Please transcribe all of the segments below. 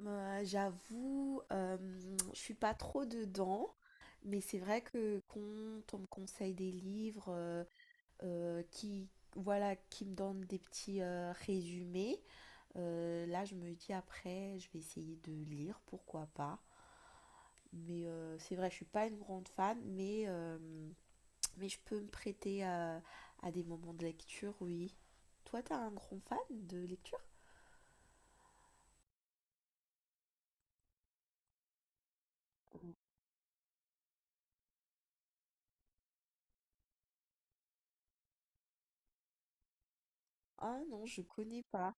J'avoue, je suis pas trop dedans, mais c'est vrai que quand on me conseille des livres, qui voilà, qui me donnent des petits, résumés, là, je me dis après, je vais essayer de lire, pourquoi pas. Mais c'est vrai, je suis pas une grande fan, mais, mais je peux me prêter à des moments de lecture, oui. Toi, t'as un grand fan de lecture? Mmh. Ah non, je connais pas.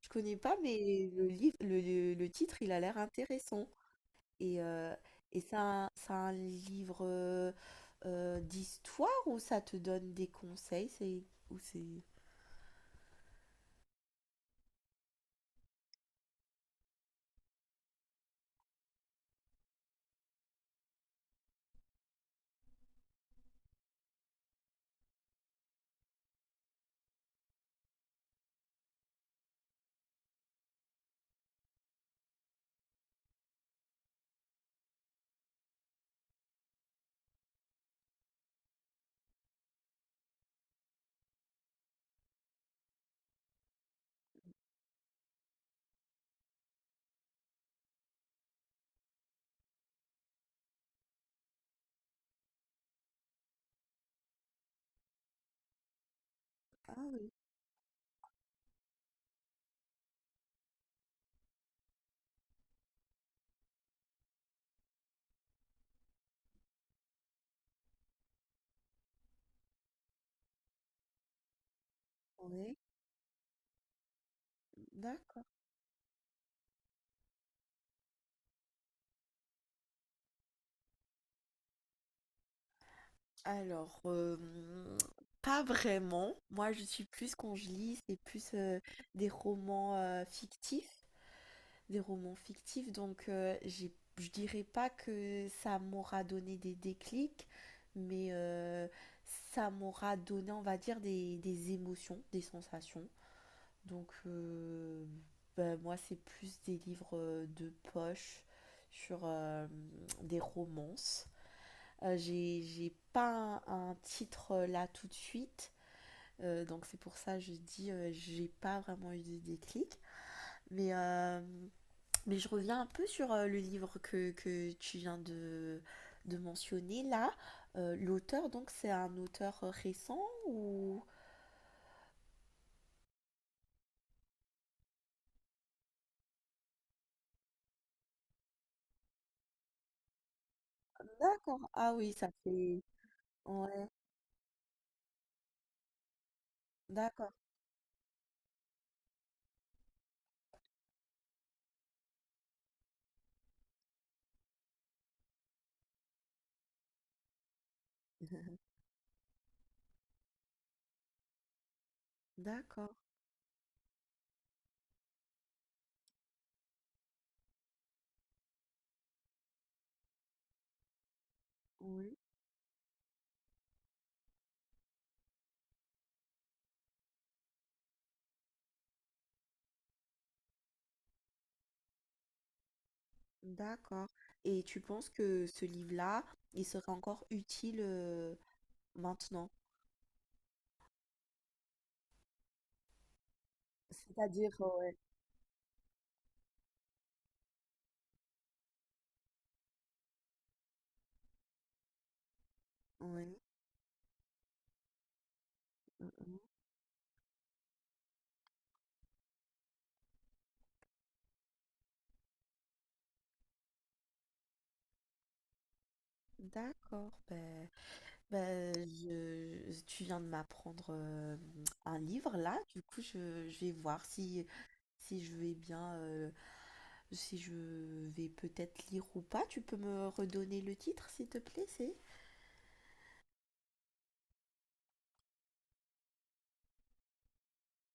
Je connais pas, mais le livre, le titre, il a l'air intéressant. Et, euh, et c'est un livre d'histoire ou ça te donne des conseils? Ou c'est... Ah oui, ouais, d'accord. Alors, pas vraiment. Moi, je suis plus, quand je lis, c'est plus des romans fictifs. Des romans fictifs, donc je dirais pas que ça m'aura donné des déclics, mais ça m'aura donné, on va dire, des émotions, des sensations. Donc bah, moi, c'est plus des livres de poche sur des romances. J'ai pas un titre là tout de suite, donc c'est pour ça que je dis j'ai pas vraiment eu de déclic. Mais mais je reviens un peu sur le livre que tu viens de mentionner là. L'auteur, donc, c'est un auteur récent ou... D'accord. Ah oui, ça fait... Ouais, d'accord. D'accord. Oui, d'accord. Et tu penses que ce livre-là, il serait encore utile maintenant? C'est-à-dire, ouais. Oui. Mm, mm. D'accord. Ben, ben, tu viens de m'apprendre un livre là. Du coup, je vais voir si... Si je vais bien, si je vais peut-être lire ou pas, tu peux me redonner le titre, s'il te plaît, c'est?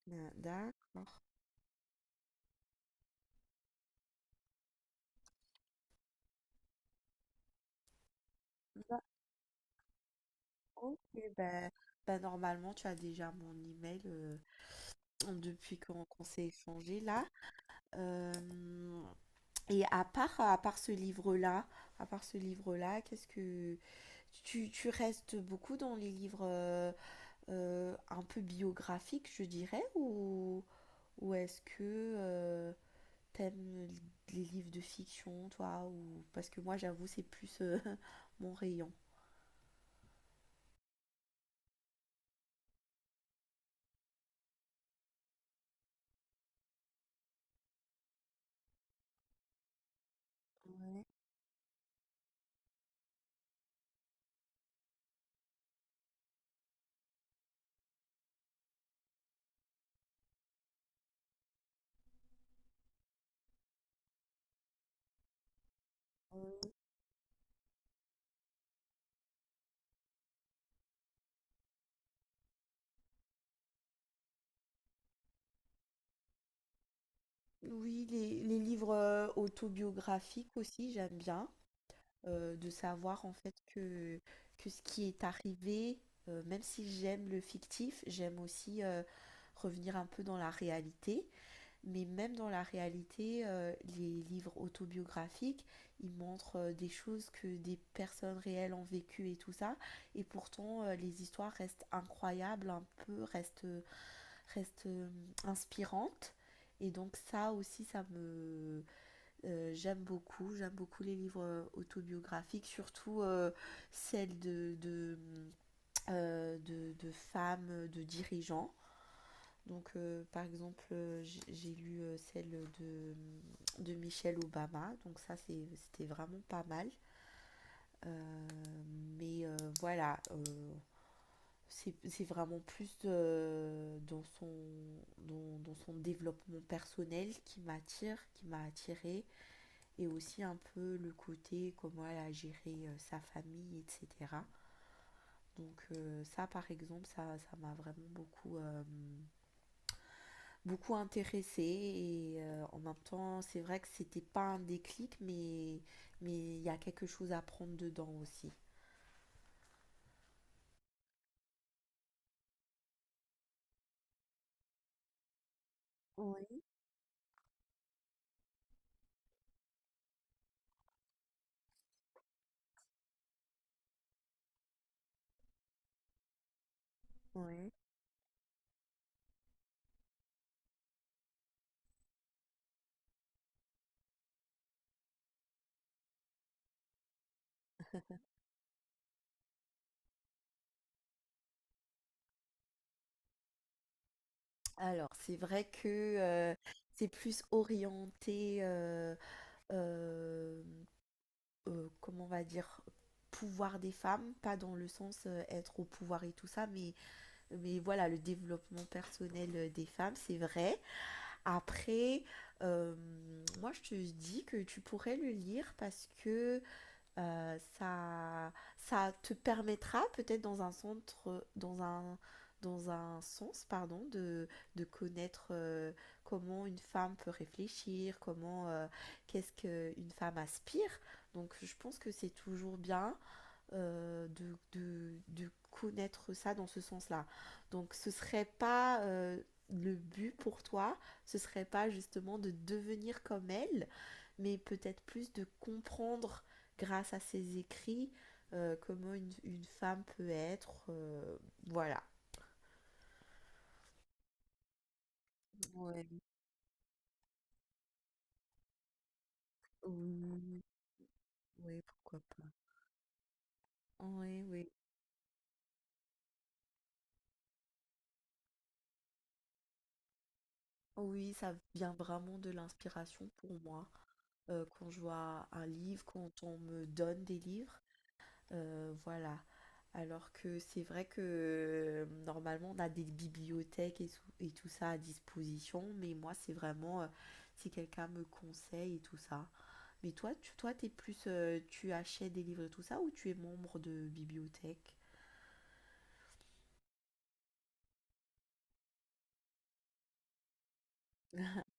Mmh, d'accord. Bah, OK, bah bah, normalement, tu as déjà mon email, depuis qu'on s'est échangé là. Hem Et à part ce livre-là, qu'est-ce que tu restes beaucoup dans les livres, un peu biographiques, je dirais? Ou est-ce que, euh, t'aimes les livres de fiction, toi, ou parce que moi, j'avoue, c'est plus mon rayon. Ouais. Oui, les livres autobiographiques aussi, j'aime bien de savoir en fait que ce qui est arrivé, même si j'aime le fictif, j'aime aussi revenir un peu dans la réalité. Mais même dans la réalité, les livres autobiographiques, ils montrent des choses que des personnes réelles ont vécues et tout ça. Et pourtant, les histoires restent incroyables, un peu, restent inspirantes. Et donc ça aussi, ça me... j'aime beaucoup. J'aime beaucoup les livres autobiographiques, surtout celles de femmes, de dirigeants. Donc, par exemple, j'ai lu celle de, de Michelle Obama. Donc, ça, c'était vraiment pas mal. Euh, mais voilà, c'est vraiment plus dans son, dans son développement personnel qui m'attire, qui m'a attirée. Et aussi un peu le côté comment elle a géré sa famille, etc. Donc, ça, par exemple, ça m'a vraiment beaucoup, beaucoup intéressée et en même temps, c'est vrai que c'était pas un déclic, mais il y a quelque chose à prendre dedans aussi. Oui, oui. Alors, c'est vrai que euh, c'est plus orienté, euh, comment on va dire, pouvoir des femmes, pas dans le sens être au pouvoir et tout ça, mais voilà, le développement personnel des femmes, c'est vrai. Après, euh, moi, je te dis que tu pourrais le lire parce que Euh, ça, ça te permettra peut-être dans un centre, dans un sens, pardon, de connaître comment une femme peut réfléchir, comment qu'est-ce qu'une femme aspire. Donc je pense que c'est toujours bien de connaître ça dans ce sens-là. Donc ce serait pas le but pour toi, ce serait pas justement de devenir comme elle, mais peut-être plus de comprendre grâce à ses écrits comment une femme peut être, voilà. Ouais. Oui, oui, pourquoi pas. Oui, oui. Oui, ça vient vraiment de l'inspiration pour moi. Quand je vois un livre, quand on me donne des livres. Voilà. Alors que c'est vrai que normalement on a des bibliothèques et tout ça à disposition, mais moi c'est vraiment si quelqu'un me conseille et tout ça. Mais toi, toi t'es plus, tu achètes des livres et tout ça ou tu es membre de bibliothèque?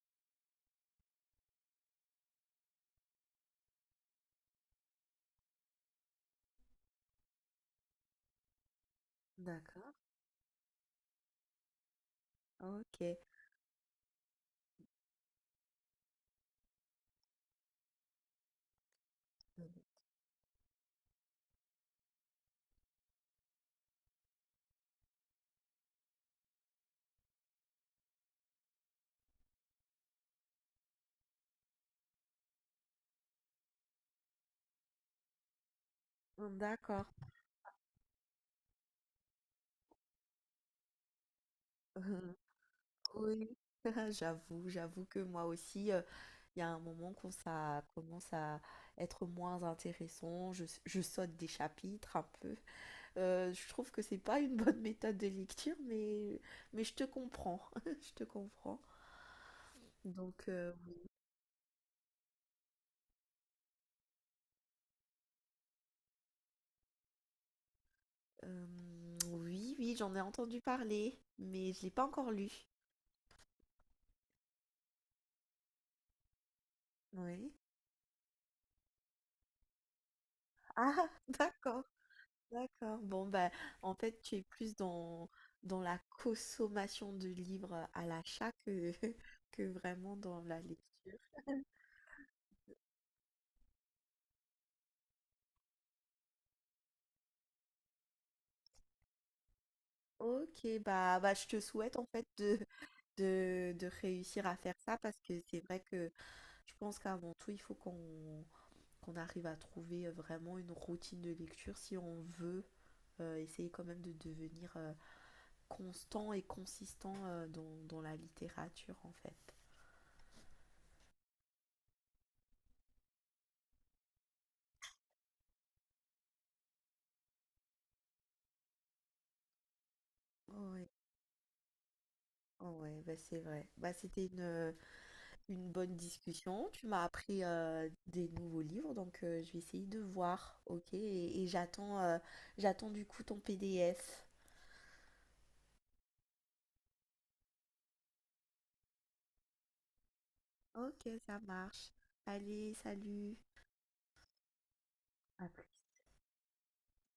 D'accord, ok. D'accord. Oui, j'avoue, que moi aussi, il y a un moment quand ça commence à être moins intéressant, je saute des chapitres un peu. Je trouve que c'est pas une bonne méthode de lecture, mais je te comprends, je te comprends. Donc, euh, oui, oui, j'en ai entendu parler, mais je l'ai pas encore lu. Oui. Ah, d'accord. D'accord. Bon, ben, en fait, tu es plus dans, dans la consommation de livres à l'achat que, que vraiment dans la lecture. Ok, bah, je te souhaite en fait de réussir à faire ça parce que c'est vrai que je pense qu'avant tout, il faut qu'on arrive à trouver vraiment une routine de lecture si on veut essayer quand même de devenir constant et consistant dans la littérature en fait. Ouais. Ouais, bah c'est vrai. Bah, c'était une bonne discussion. Tu m'as appris des nouveaux livres, donc je vais essayer de voir, ok? Et j'attends j'attends du coup ton PDF. Ok, ça marche. Allez, salut. À plus.